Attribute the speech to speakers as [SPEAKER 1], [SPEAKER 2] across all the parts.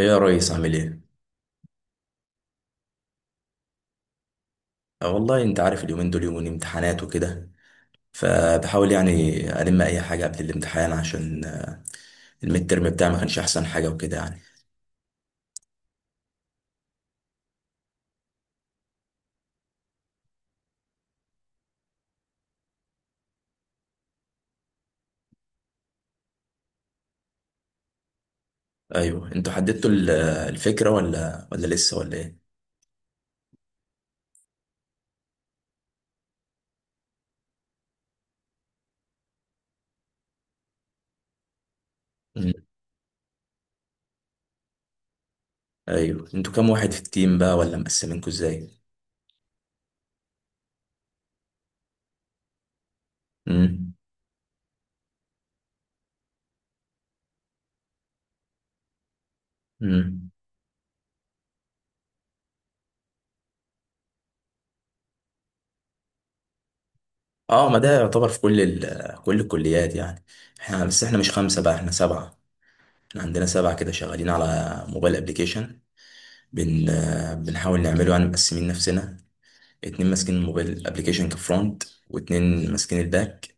[SPEAKER 1] ايه يا ريس عامل ايه؟ آه والله انت عارف اليومين دول يومين امتحانات وكده، فبحاول يعني الم اي حاجه قبل الامتحان عشان الميد ترم بتاعي ما كانش احسن حاجه وكده يعني. ايوه، انتوا حددتوا الفكره ولا لسه ولا ايه؟ مم. ايوه، انتوا كام واحد في التيم بقى ولا مقسمينكوا ازاي؟ امم. امم. اه، ما ده يعتبر في كل ال آه، كل الكليات يعني. احنا بس مش خمسه بقى، احنا سبعه. احنا عندنا سبعه كده شغالين على موبايل ابلكيشن، بن آه، بنحاول نعمله يعني، مقسمين نفسنا. اتنين ماسكين الموبايل ابلكيشن كفرونت، واتنين ماسكين الباك،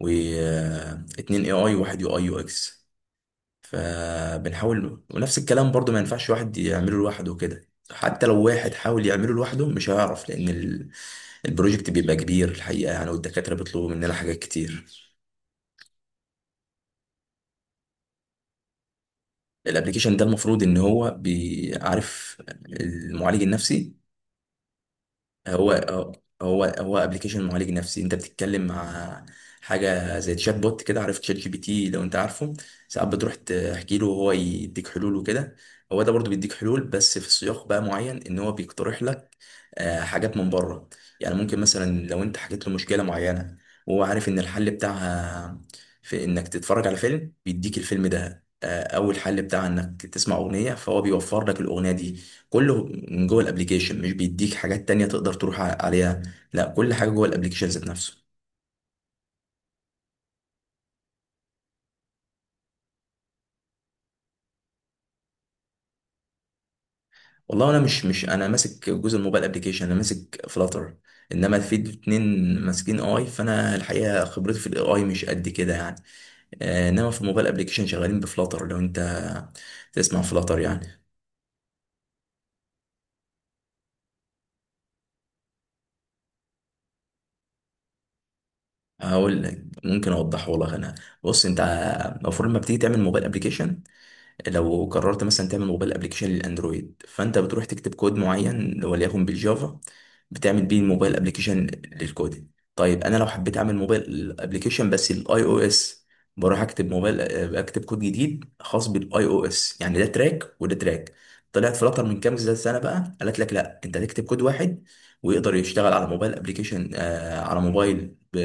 [SPEAKER 1] واتنين اي واحد يو اي يو اكس. فبنحاول، ونفس الكلام برضو، ما ينفعش واحد يعمله لوحده كده، حتى لو واحد حاول يعمله لوحده مش هيعرف، لان البروجكت بيبقى كبير الحقيقه يعني، والدكاتره بيطلبوا مننا حاجات كتير. الابلكيشن ده المفروض ان هو بيعرف المعالج النفسي. هو هو ابلكيشن معالج نفسي، انت بتتكلم مع حاجه زي تشات بوت كده، عارف تشات جي بي تي؟ لو انت عارفه، ساعات بتروح تحكي له وهو يديك حلول وكده. هو ده برضو بيديك حلول، بس في سياق بقى معين، ان هو بيقترح لك حاجات من بره. يعني ممكن مثلا لو انت حكيت له مشكله معينه، وهو عارف ان الحل بتاعها في انك تتفرج على فيلم، بيديك الفيلم ده. اول حل بتاعها انك تسمع اغنيه، فهو بيوفر لك الاغنيه دي. كله من جوه الابليكيشن، مش بيديك حاجات تانية تقدر تروح عليها، لا، كل حاجة جوه الابليكيشن ذات نفسه. والله انا مش انا ماسك جزء الموبايل ابليكيشن، انا ماسك فلاتر، انما في اتنين ماسكين اي، فانا الحقيقة خبرتي في الاي مش قد كده يعني. انما في الموبايل ابليكيشن شغالين بفلاتر، لو انت تسمع فلاتر يعني. هقول لك، ممكن اوضحه لك انا. بص انت، المفروض لما بتيجي تعمل موبايل ابلكيشن، لو قررت مثلا تعمل موبايل ابلكيشن للاندرويد، فانت بتروح تكتب كود معين وليكن بالجافا، بتعمل بيه الموبايل ابلكيشن للكود. طيب انا لو حبيت اعمل موبايل ابلكيشن بس للاي او اس، بروح اكتب موبايل، اكتب كود جديد خاص بالاي او اس، يعني ده تراك وده تراك. طلعت فلاتر من كام سنه بقى قالت لك، لا، انت هتكتب كود واحد ويقدر يشتغل على موبايل ابلكيشن، آه، على موبايل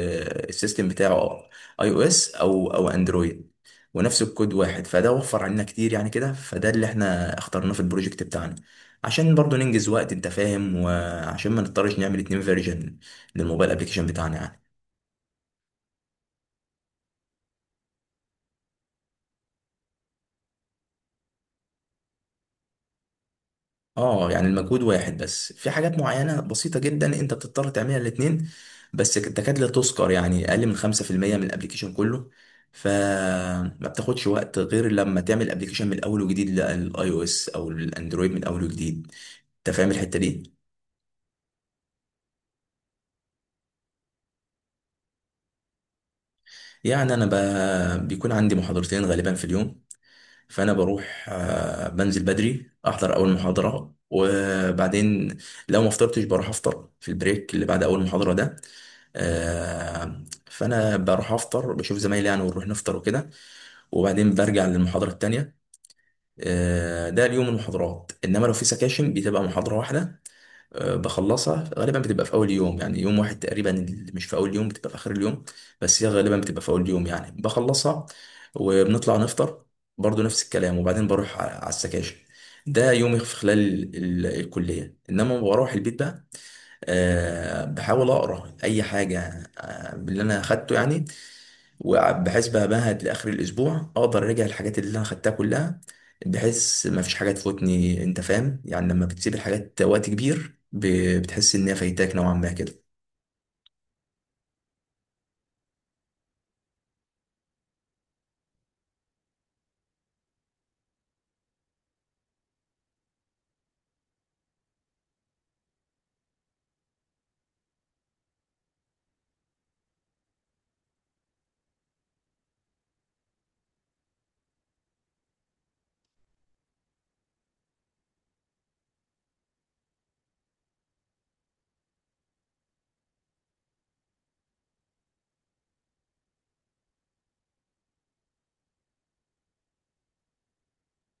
[SPEAKER 1] السيستم بتاعه اي او اس او او اندرويد، ونفس الكود واحد. فده وفر علينا كتير يعني كده، فده اللي احنا اخترناه في البروجكت بتاعنا، عشان برضو ننجز وقت انت فاهم، وعشان ما نضطرش نعمل اتنين فيرجن للموبايل ابليكيشن بتاعنا يعني. اه، يعني المجهود واحد، بس في حاجات معينة بسيطة جدا انت بتضطر تعملها الاتنين، بس تكاد لا تذكر، يعني اقل من 5% من الابليكيشن كله. فما بتاخدش وقت غير لما تعمل ابليكيشن من الاول وجديد للاي او اس او الاندرويد من الاول وجديد، انت فاهم الحتة دي. يعني انا بيكون عندي محاضرتين غالبا في اليوم، فانا بروح، بنزل بدري احضر اول محاضره، وبعدين لو ما فطرتش بروح افطر في البريك اللي بعد اول محاضره ده. آه، فانا بروح افطر، بشوف زمايلي يعني، ونروح نفطر وكده، وبعدين برجع للمحاضره التانيه. ده اليوم المحاضرات، انما لو في سكاشن بتبقى محاضره واحده. بخلصها غالبا، بتبقى في اول يوم يعني، يوم واحد تقريبا، اللي مش في اول يوم بتبقى في اخر اليوم، بس هي غالبا بتبقى في اول يوم يعني، بخلصها وبنطلع نفطر برضو نفس الكلام، وبعدين بروح على السكاشن. ده يومي في خلال الكلية، انما بروح البيت بقى، أه بحاول اقرا اي حاجة باللي انا اخدته يعني، وبحيث بمهد لاخر الاسبوع اقدر اراجع الحاجات اللي انا خدتها كلها، بحيث ما فيش حاجه تفوتني، انت فاهم؟ يعني لما بتسيب الحاجات وقت كبير بتحس انها فايتاك نوعا ما كده.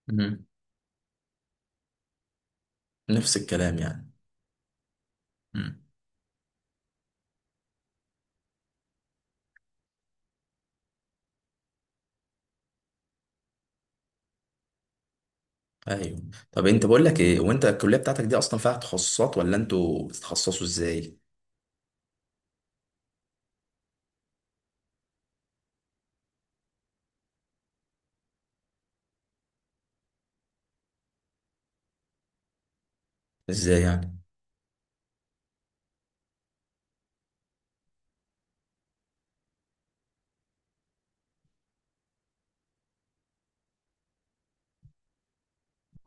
[SPEAKER 1] مم. نفس الكلام يعني. مم. ايوه، طب انت بقول لك ايه، وانت الكليه بتاعتك دي اصلا فيها تخصصات ولا انتوا بتتخصصوا ازاي؟ ازاي يعني؟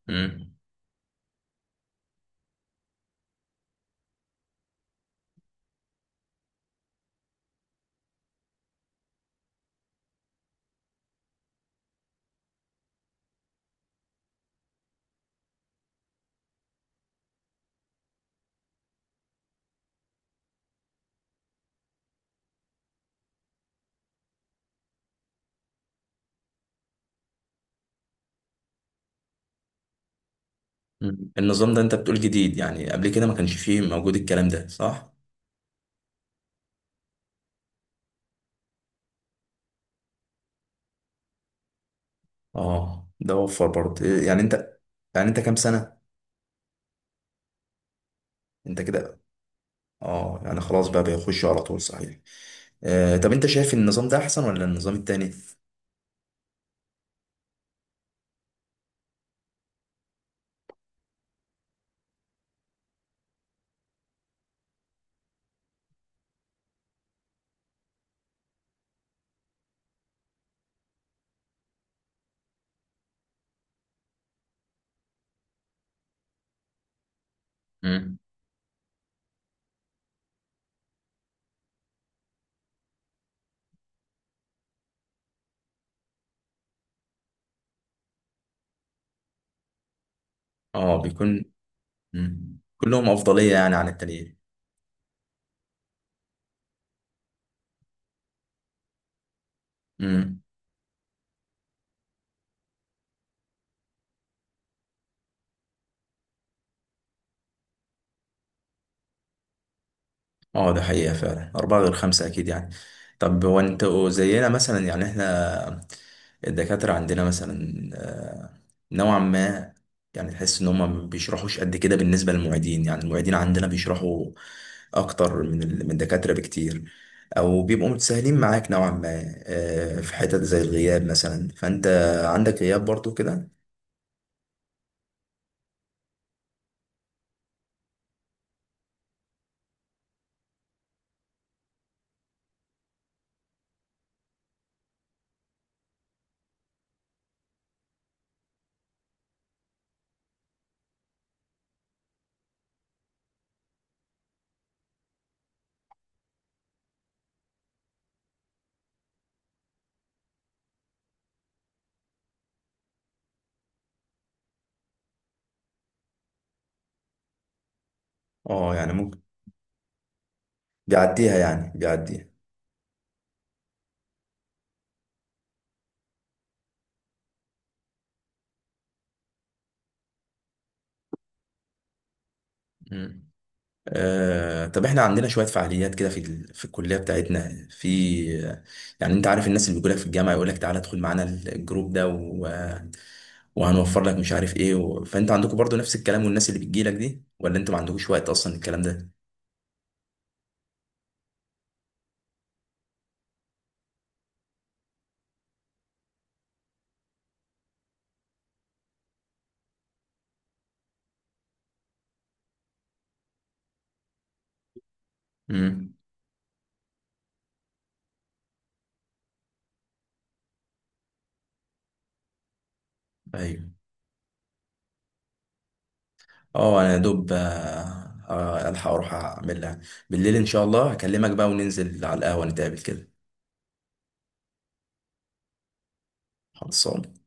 [SPEAKER 1] مم. مم. النظام ده انت بتقول جديد، يعني قبل كده ما كانش فيه، موجود الكلام ده، صح؟ اه، ده وفر برضه إيه، يعني انت، يعني انت كام سنه؟ انت كده، اه يعني خلاص بقى بيخشوا على طول، صحيح. آه، طب انت شايف النظام ده احسن ولا النظام التاني؟ مم. اه بيكون. مم. كلهم افضليه يعني عن التانيين. مم. اه، ده حقيقه فعلا، اربعه غير خمسه اكيد يعني. طب هو انت زينا مثلا، يعني احنا الدكاترة عندنا مثلا، نوعا ما يعني تحس إن هما ما بيشرحوش قد كده، بالنسبة للمعيدين يعني، المعيدين عندنا بيشرحوا أكتر من من الدكاترة بكتير، أو بيبقوا متساهلين معاك نوعا ما، في حتت زي الغياب مثلا، فأنت عندك غياب برضو كده؟ اه يعني ممكن، بيعديها يعني، بيعديها. مم. طب احنا عندنا شوية فعاليات كده في في الكلية بتاعتنا، في يعني انت عارف الناس اللي بيقولك في الجامعة يقولك تعالى ادخل معانا الجروب ده، وهنوفر لك مش عارف ايه و... فانتوا عندكم برضو نفس الكلام والناس اللي بتجي لك دي، ولا انتوا ما عندكوش وقت اصلا الكلام ده؟ امم. ايوه. اه انا يا دوب، الحق اروح اعمل لها، بالليل ان شاء الله هكلمك بقى وننزل على القهوة نتقابل كده. خلصان.